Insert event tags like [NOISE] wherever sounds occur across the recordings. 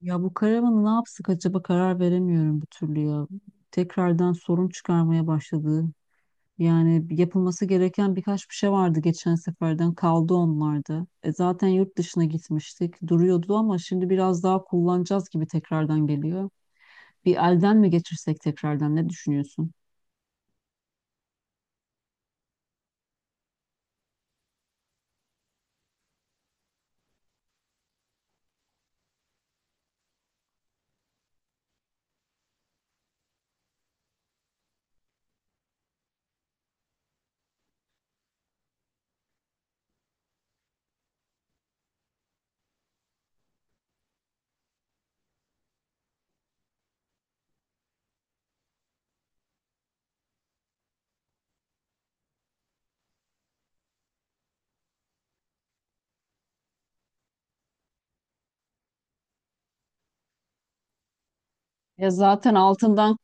Ya bu karavanı ne yapsak acaba karar veremiyorum bir türlü ya. Tekrardan sorun çıkarmaya başladı. Yani yapılması gereken birkaç bir şey vardı, geçen seferden kaldı onlarda. E zaten yurt dışına gitmiştik, duruyordu ama şimdi biraz daha kullanacağız gibi tekrardan geliyor. Bir elden mi geçirsek tekrardan, ne düşünüyorsun? Ya zaten altından...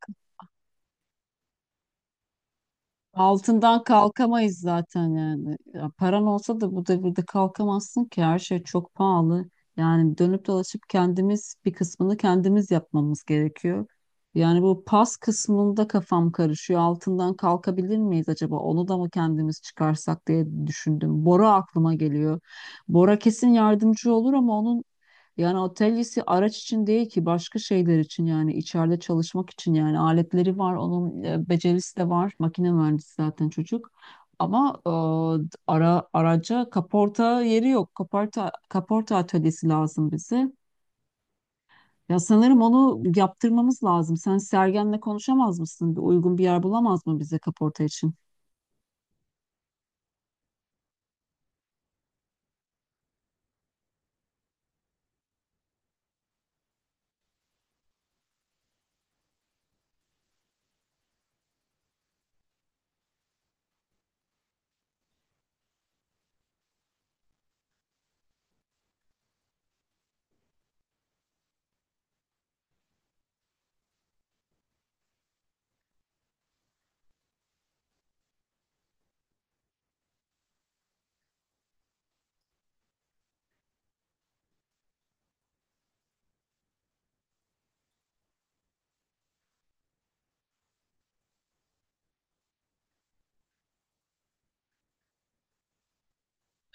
altından kalkamayız zaten yani. Ya paran olsa da bu devirde kalkamazsın ki, her şey çok pahalı. Yani dönüp dolaşıp kendimiz, bir kısmını kendimiz yapmamız gerekiyor. Yani bu pas kısmında kafam karışıyor. Altından kalkabilir miyiz acaba? Onu da mı kendimiz çıkarsak diye düşündüm. Bora aklıma geliyor. Bora kesin yardımcı olur ama onun, yani atölyesi araç için değil ki, başka şeyler için yani, içeride çalışmak için yani. Aletleri var onun, becerisi de var, makine mühendisi zaten çocuk, ama araca kaporta yeri yok. Kaporta atölyesi lazım bize. Ya sanırım onu yaptırmamız lazım. Sen Sergen'le konuşamaz mısın? Bir uygun bir yer bulamaz mı bize kaporta için?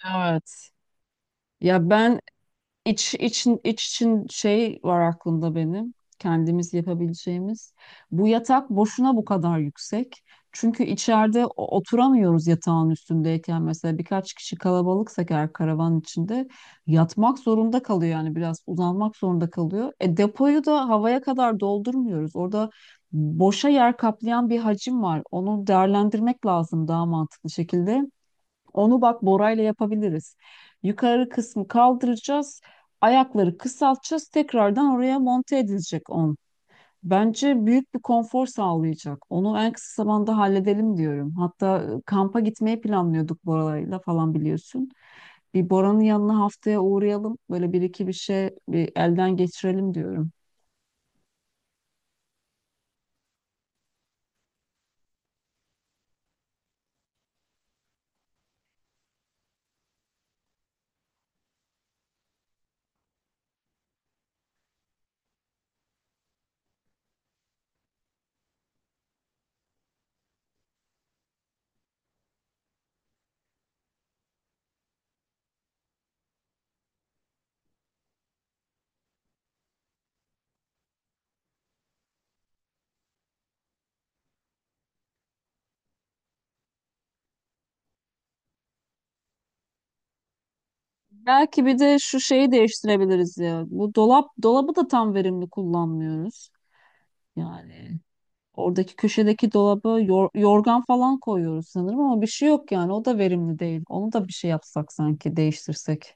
Evet. Ya ben... İç için şey var aklımda benim. Kendimiz yapabileceğimiz. Bu yatak boşuna bu kadar yüksek. Çünkü içeride oturamıyoruz yatağın üstündeyken. Mesela birkaç kişi kalabalıksak eğer, karavan içinde yatmak zorunda kalıyor yani, biraz uzanmak zorunda kalıyor. E depoyu da havaya kadar doldurmuyoruz. Orada boşa yer kaplayan bir hacim var. Onu değerlendirmek lazım daha mantıklı şekilde. Onu bak Bora'yla yapabiliriz. Yukarı kısmı kaldıracağız. Ayakları kısaltacağız. Tekrardan oraya monte edilecek on. Bence büyük bir konfor sağlayacak. Onu en kısa zamanda halledelim diyorum. Hatta kampa gitmeyi planlıyorduk Bora'yla falan, biliyorsun. Bir Bora'nın yanına haftaya uğrayalım. Böyle bir iki bir şey, bir elden geçirelim diyorum. Belki bir de şu şeyi değiştirebiliriz ya. Bu dolabı da tam verimli kullanmıyoruz. Yani oradaki köşedeki dolaba yorgan falan koyuyoruz sanırım ama bir şey yok yani. O da verimli değil. Onu da bir şey yapsak, sanki değiştirsek.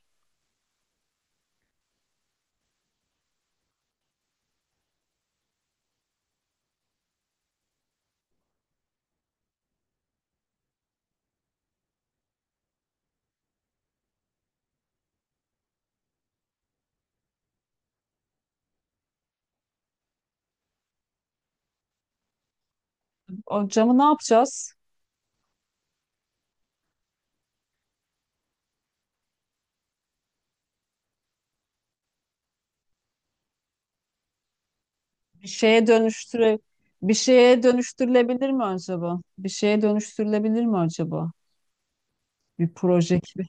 O camı ne yapacağız? Bir şeye bir şeye dönüştürülebilir mi acaba? Bir proje gibi.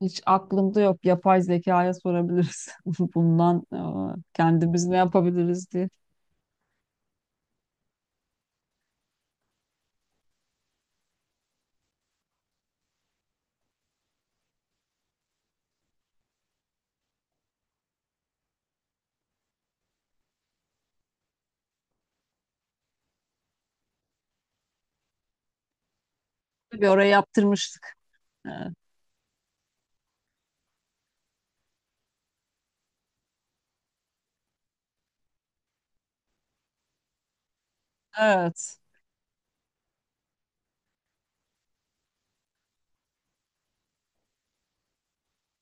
Hiç aklımda yok. Yapay zekaya sorabiliriz. [LAUGHS] Bundan kendimiz ne yapabiliriz diye. Bir oraya yaptırmıştık. Evet. Evet.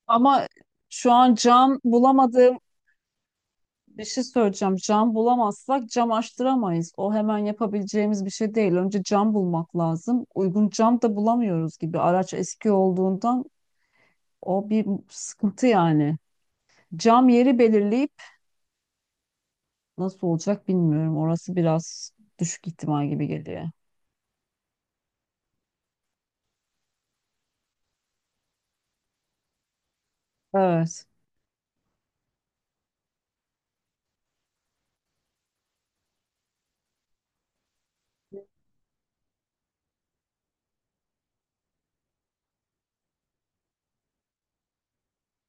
Ama şu an cam bulamadığım... Bir şey söyleyeceğim. Cam bulamazsak cam açtıramayız. O hemen yapabileceğimiz bir şey değil. Önce cam bulmak lazım. Uygun cam da bulamıyoruz gibi. Araç eski olduğundan o bir sıkıntı yani. Cam yeri belirleyip nasıl olacak bilmiyorum. Orası biraz düşük ihtimal gibi geliyor. Evet.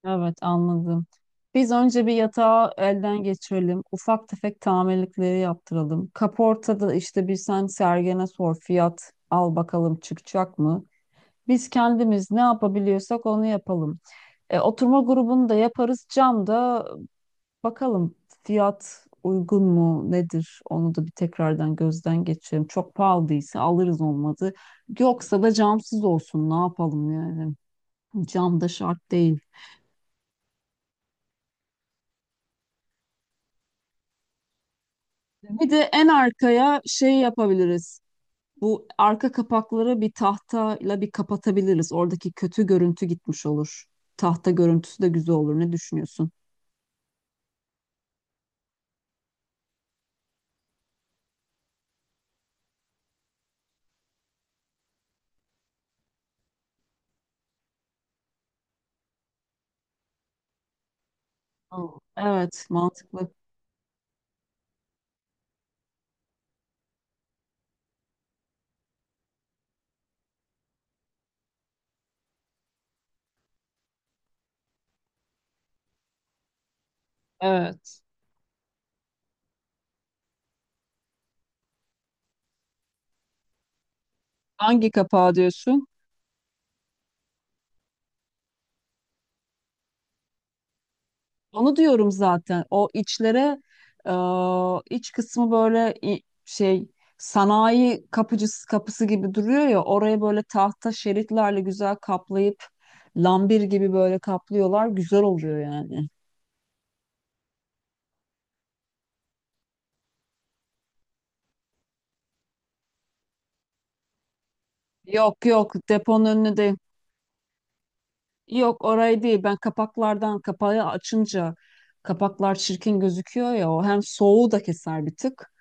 Evet, anladım. Biz önce bir yatağı elden geçirelim. Ufak tefek tamirlikleri yaptıralım. Kaportada işte bir sen Sergen'e sor, fiyat al bakalım, çıkacak mı? Biz kendimiz ne yapabiliyorsak onu yapalım. E, oturma grubunu da yaparız. Cam da bakalım fiyat uygun mu nedir? Onu da bir tekrardan gözden geçirelim. Çok pahalıysa alırız, olmadı yoksa da camsız olsun. Ne yapalım yani? Cam da şart değil. Bir de en arkaya şey yapabiliriz. Bu arka kapakları bir tahtayla bir kapatabiliriz. Oradaki kötü görüntü gitmiş olur. Tahta görüntüsü de güzel olur. Ne düşünüyorsun? Hı. Evet, mantıklı. Evet. Hangi kapağı diyorsun? Onu diyorum zaten. O içlere e, iç kısmı böyle... şey, sanayi kapıcısı kapısı gibi duruyor ya, oraya böyle tahta şeritlerle güzel kaplayıp, lambir gibi böyle kaplıyorlar. Güzel oluyor yani. Yok yok, deponun önüne değil. Yok, orayı değil. Ben kapaklardan, kapağı açınca kapaklar çirkin gözüküyor ya, o hem soğuğu da keser bir tık.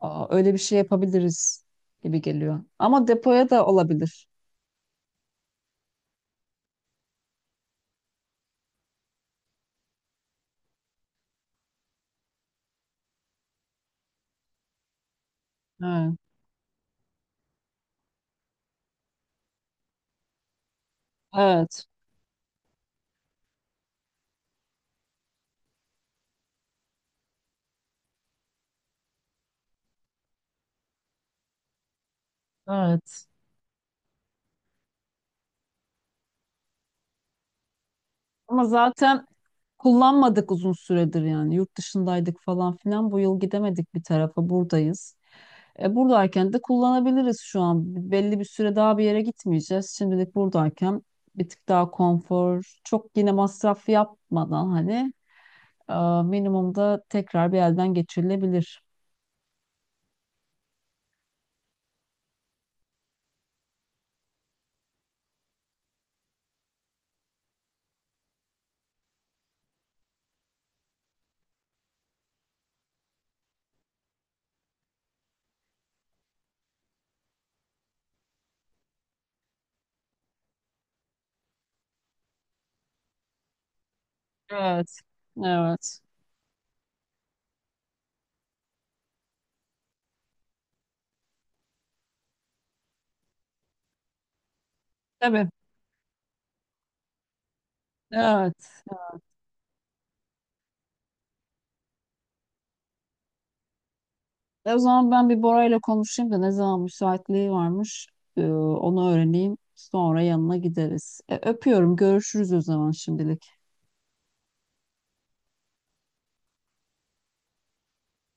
Aa, öyle bir şey yapabiliriz gibi geliyor. Ama depoya da olabilir. Evet. Evet. Evet. Ama zaten kullanmadık uzun süredir yani. Yurt dışındaydık falan filan. Bu yıl gidemedik bir tarafa. Buradayız. E, buradayken de kullanabiliriz şu an. Belli bir süre daha bir yere gitmeyeceğiz. Şimdilik buradayken bir tık daha konfor, çok yine masraf yapmadan, hani e, minimumda tekrar bir elden geçirilebilir. Evet. Evet. Tabii. Evet. E, o zaman ben bir Bora ile konuşayım da ne zaman müsaitliği varmış, onu öğreneyim. Sonra yanına gideriz. E, öpüyorum. Görüşürüz o zaman şimdilik.